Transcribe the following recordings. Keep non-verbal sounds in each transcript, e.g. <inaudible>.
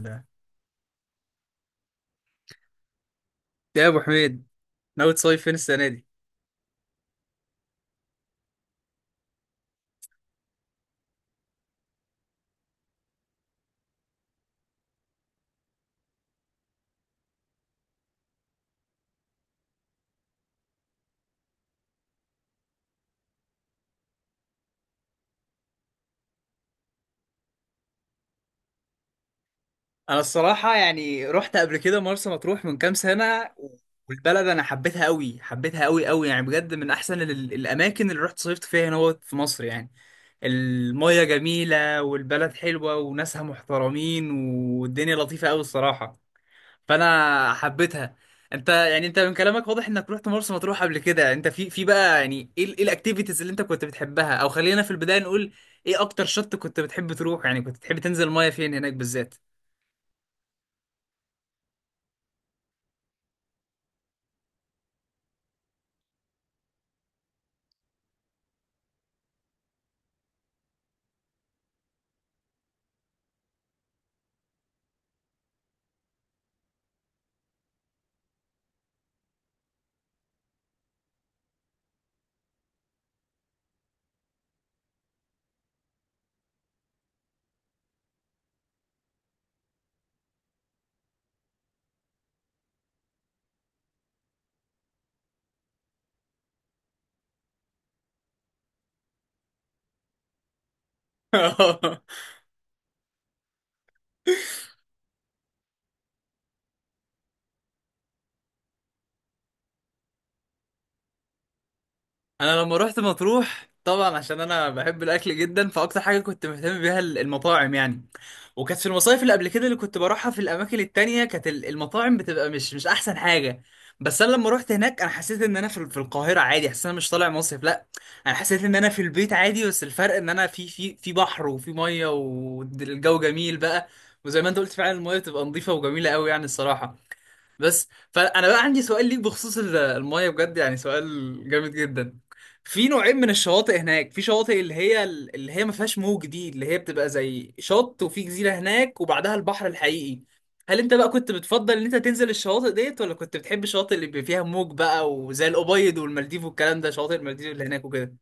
ده، يا ابو حميد، ناوي تصيف فين السنه دي؟ انا الصراحه يعني رحت قبل كده مرسى مطروح من كام سنه، والبلد انا حبيتها قوي، حبيتها قوي قوي، يعني بجد من احسن الاماكن اللي رحت صيفت فيها هنا وقت في مصر يعني. الميه جميله، والبلد حلوه وناسها محترمين، والدنيا لطيفه قوي الصراحه. فانا حبيتها. انت يعني من كلامك واضح انك رحت مرسى مطروح قبل كده. انت في بقى، يعني ايه الاكتيفيتيز اللي انت كنت بتحبها، او خلينا في البدايه نقول ايه اكتر شط كنت بتحب تروح، يعني كنت بتحب تنزل المايه فين هناك بالذات؟ <laughs> انا لما رحت مطروح، طبعا عشان انا بحب الاكل جدا، فاكتر حاجه كنت مهتم بيها المطاعم يعني. وكانت في المصايف اللي قبل كده اللي كنت بروحها في الاماكن التانية كانت المطاعم بتبقى مش احسن حاجه. بس انا لما رحت هناك، انا حسيت ان انا في في القاهره عادي، حسيت ان انا مش طالع مصيف. لا، انا حسيت ان انا في البيت عادي، بس الفرق ان انا في في في بحر وفي ميه والجو جميل بقى. وزي ما انت قلت فعلا، الميه بتبقى نظيفه وجميله قوي يعني الصراحه. بس فانا بقى عندي سؤال ليك بخصوص المايه، بجد يعني سؤال جامد جدا. في نوعين من الشواطئ هناك، في شواطئ اللي هي ما فيهاش موج، دي اللي هي بتبقى زي شط وفي جزيره هناك وبعدها البحر الحقيقي. هل انت بقى كنت بتفضل ان انت تنزل الشواطئ ديت، ولا كنت بتحب الشواطئ اللي بيبقى فيها موج بقى، وزي الابيض والمالديف والكلام ده، شواطئ المالديف اللي هناك وكده؟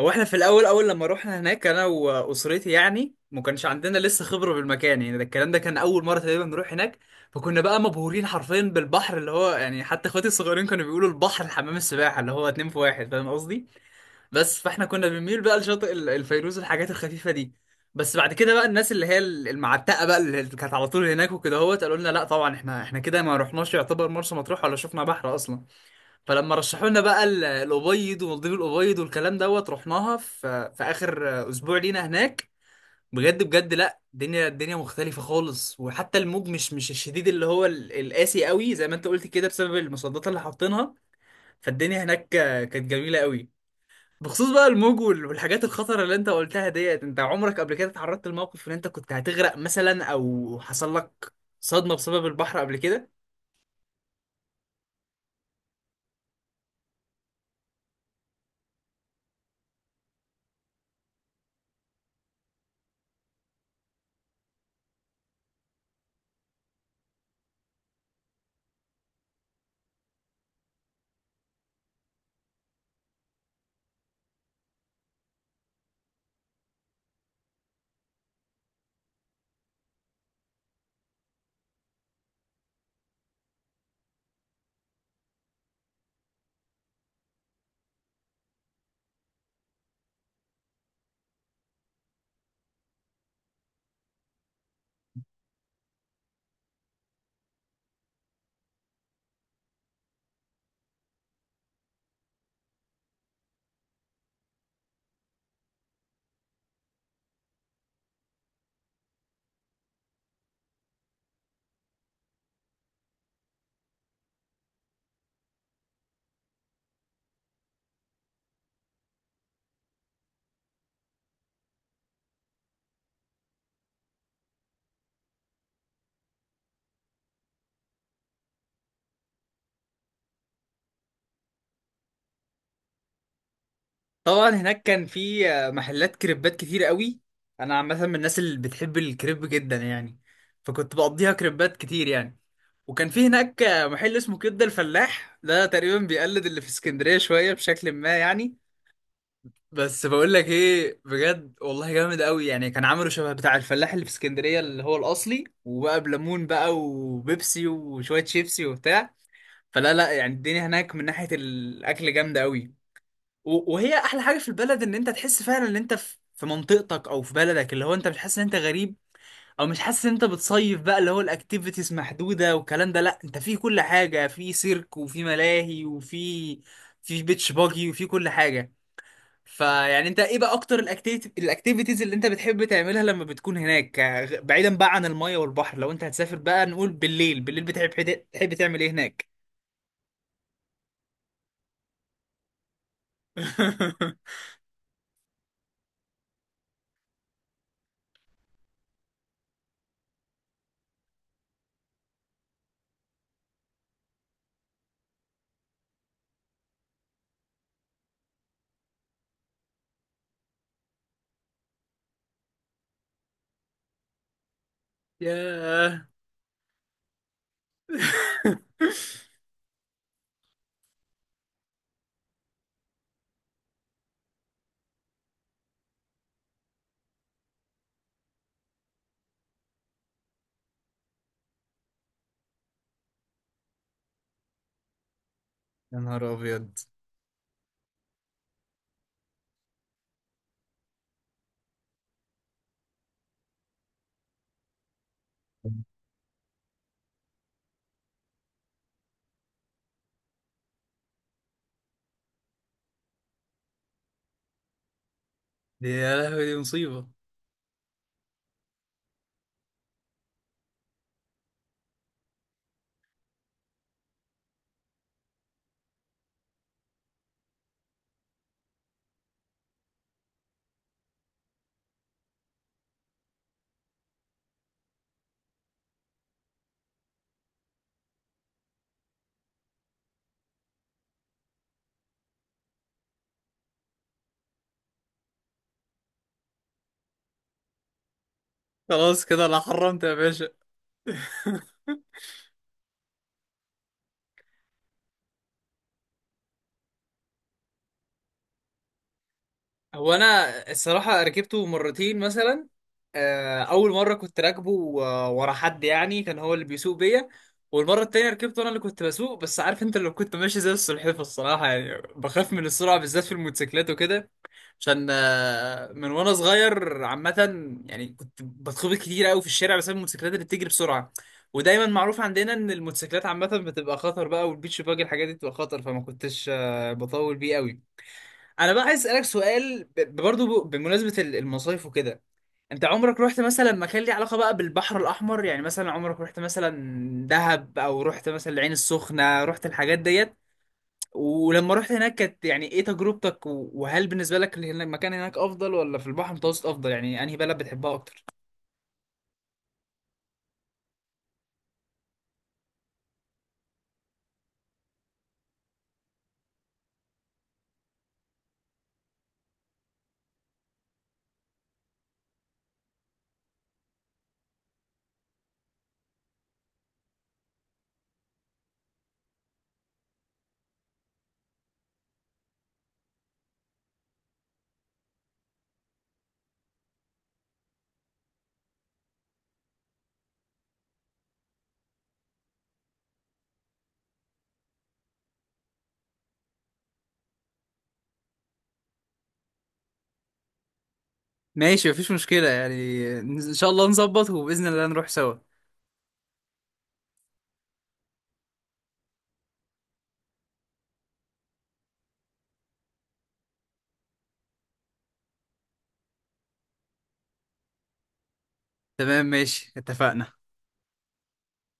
هو احنا في الاول اول لما روحنا هناك انا واسرتي، يعني ما كانش عندنا لسه خبره بالمكان، يعني ده الكلام ده كان اول مره تقريبا نروح هناك. فكنا بقى مبهورين حرفيا بالبحر، اللي هو يعني حتى اخواتي الصغيرين كانوا بيقولوا البحر حمام السباحه اللي هو اتنين في واحد، فاهم قصدي؟ بس فاحنا كنا بنميل بقى لشاطئ الفيروز والحاجات الخفيفه دي. بس بعد كده بقى، الناس اللي هي المعتقه بقى اللي كانت على طول هناك وكده، هوت قالوا لنا لا طبعا، احنا كده ما رحناش، يعتبر مرسى مطروح ولا شفنا بحر اصلا. فلما رشحوا لنا بقى الابيض ومالديف الابيض والكلام دوت، رحناها في في اخر اسبوع لينا هناك. بجد بجد لا، الدنيا، الدنيا مختلفه خالص، وحتى الموج مش الشديد اللي هو القاسي قوي، زي ما انت قلت كده بسبب المصدات اللي حاطينها. فالدنيا هناك كانت جميله قوي. بخصوص بقى الموج والحاجات الخطره اللي انت قلتها ديت، انت عمرك قبل كده اتعرضت لموقف ان انت كنت هتغرق مثلا، او حصل لك صدمه بسبب البحر قبل كده؟ طبعا هناك كان في محلات كريبات كتير قوي. انا عامه من الناس اللي بتحب الكريب جدا يعني، فكنت بقضيها كريبات كتير يعني. وكان في هناك محل اسمه كبده الفلاح، ده تقريبا بيقلد اللي في اسكندريه شويه بشكل ما يعني. بس بقول لك ايه، بجد والله جامد قوي يعني، كان عامله شبه بتاع الفلاح اللي في اسكندريه اللي هو الاصلي، وبقى بليمون بقى وبيبسي وشويه شيبسي وبتاع. فلا لا، يعني الدنيا هناك من ناحيه الاكل جامده قوي. وهي احلى حاجه في البلد، ان انت تحس فعلا ان انت في منطقتك او في بلدك، اللي هو انت مش حاسس ان انت غريب او مش حاسس ان انت بتصيف بقى، اللي هو الاكتيفيتيز محدوده والكلام ده. لا، انت في كل حاجه، في سيرك وفي ملاهي وفي بيتش باجي وفي كل حاجه. فيعني انت ايه بقى اكتر الاكتيفيتيز اللي انت بتحب تعملها لما بتكون هناك، بعيدا بقى عن الميه والبحر، لو انت هتسافر بقى، نقول بالليل، بالليل بتحب تعمل ايه هناك؟ <laughs> ياه. <laughs> يا نهار ابيض! دي يا لهوي دي مصيبة! خلاص كده انا حرمت يا باشا. <laughs> هو انا الصراحه ركبته مرتين مثلا. آه، اول مره كنت راكبه ورا حد، يعني كان هو اللي بيسوق بيا. والمره التانية ركبته انا اللي كنت بسوق، بس عارف انت، لو كنت ماشي زي السلحفاه الصراحه، يعني بخاف من السرعه بالذات في الموتوسيكلات وكده، عشان من وانا صغير عامة يعني كنت بتخبط كتير قوي في الشارع بسبب الموتوسيكلات اللي بتجري بسرعة. ودايما معروف عندنا ان الموتوسيكلات عامة بتبقى خطر بقى، والبيتش باجي الحاجات دي بتبقى خطر، فما كنتش بطول بيه قوي. انا بقى عايز اسألك سؤال برضه بمناسبة المصايف وكده. انت عمرك رحت مثلا مكان ليه علاقة بقى بالبحر الاحمر؟ يعني مثلا عمرك رحت مثلا دهب، او رحت مثلا العين السخنة، رحت الحاجات ديت؟ ولما رحت هناك كانت يعني ايه تجربتك، وهل بالنسبة لك المكان هناك افضل، ولا في البحر المتوسط افضل، يعني انهي بلد بتحبها اكتر؟ ماشي، مفيش مشكلة يعني، إن شاء الله نظبط وبإذن الله نروح سوا. تمام، ماشي، اتفقنا.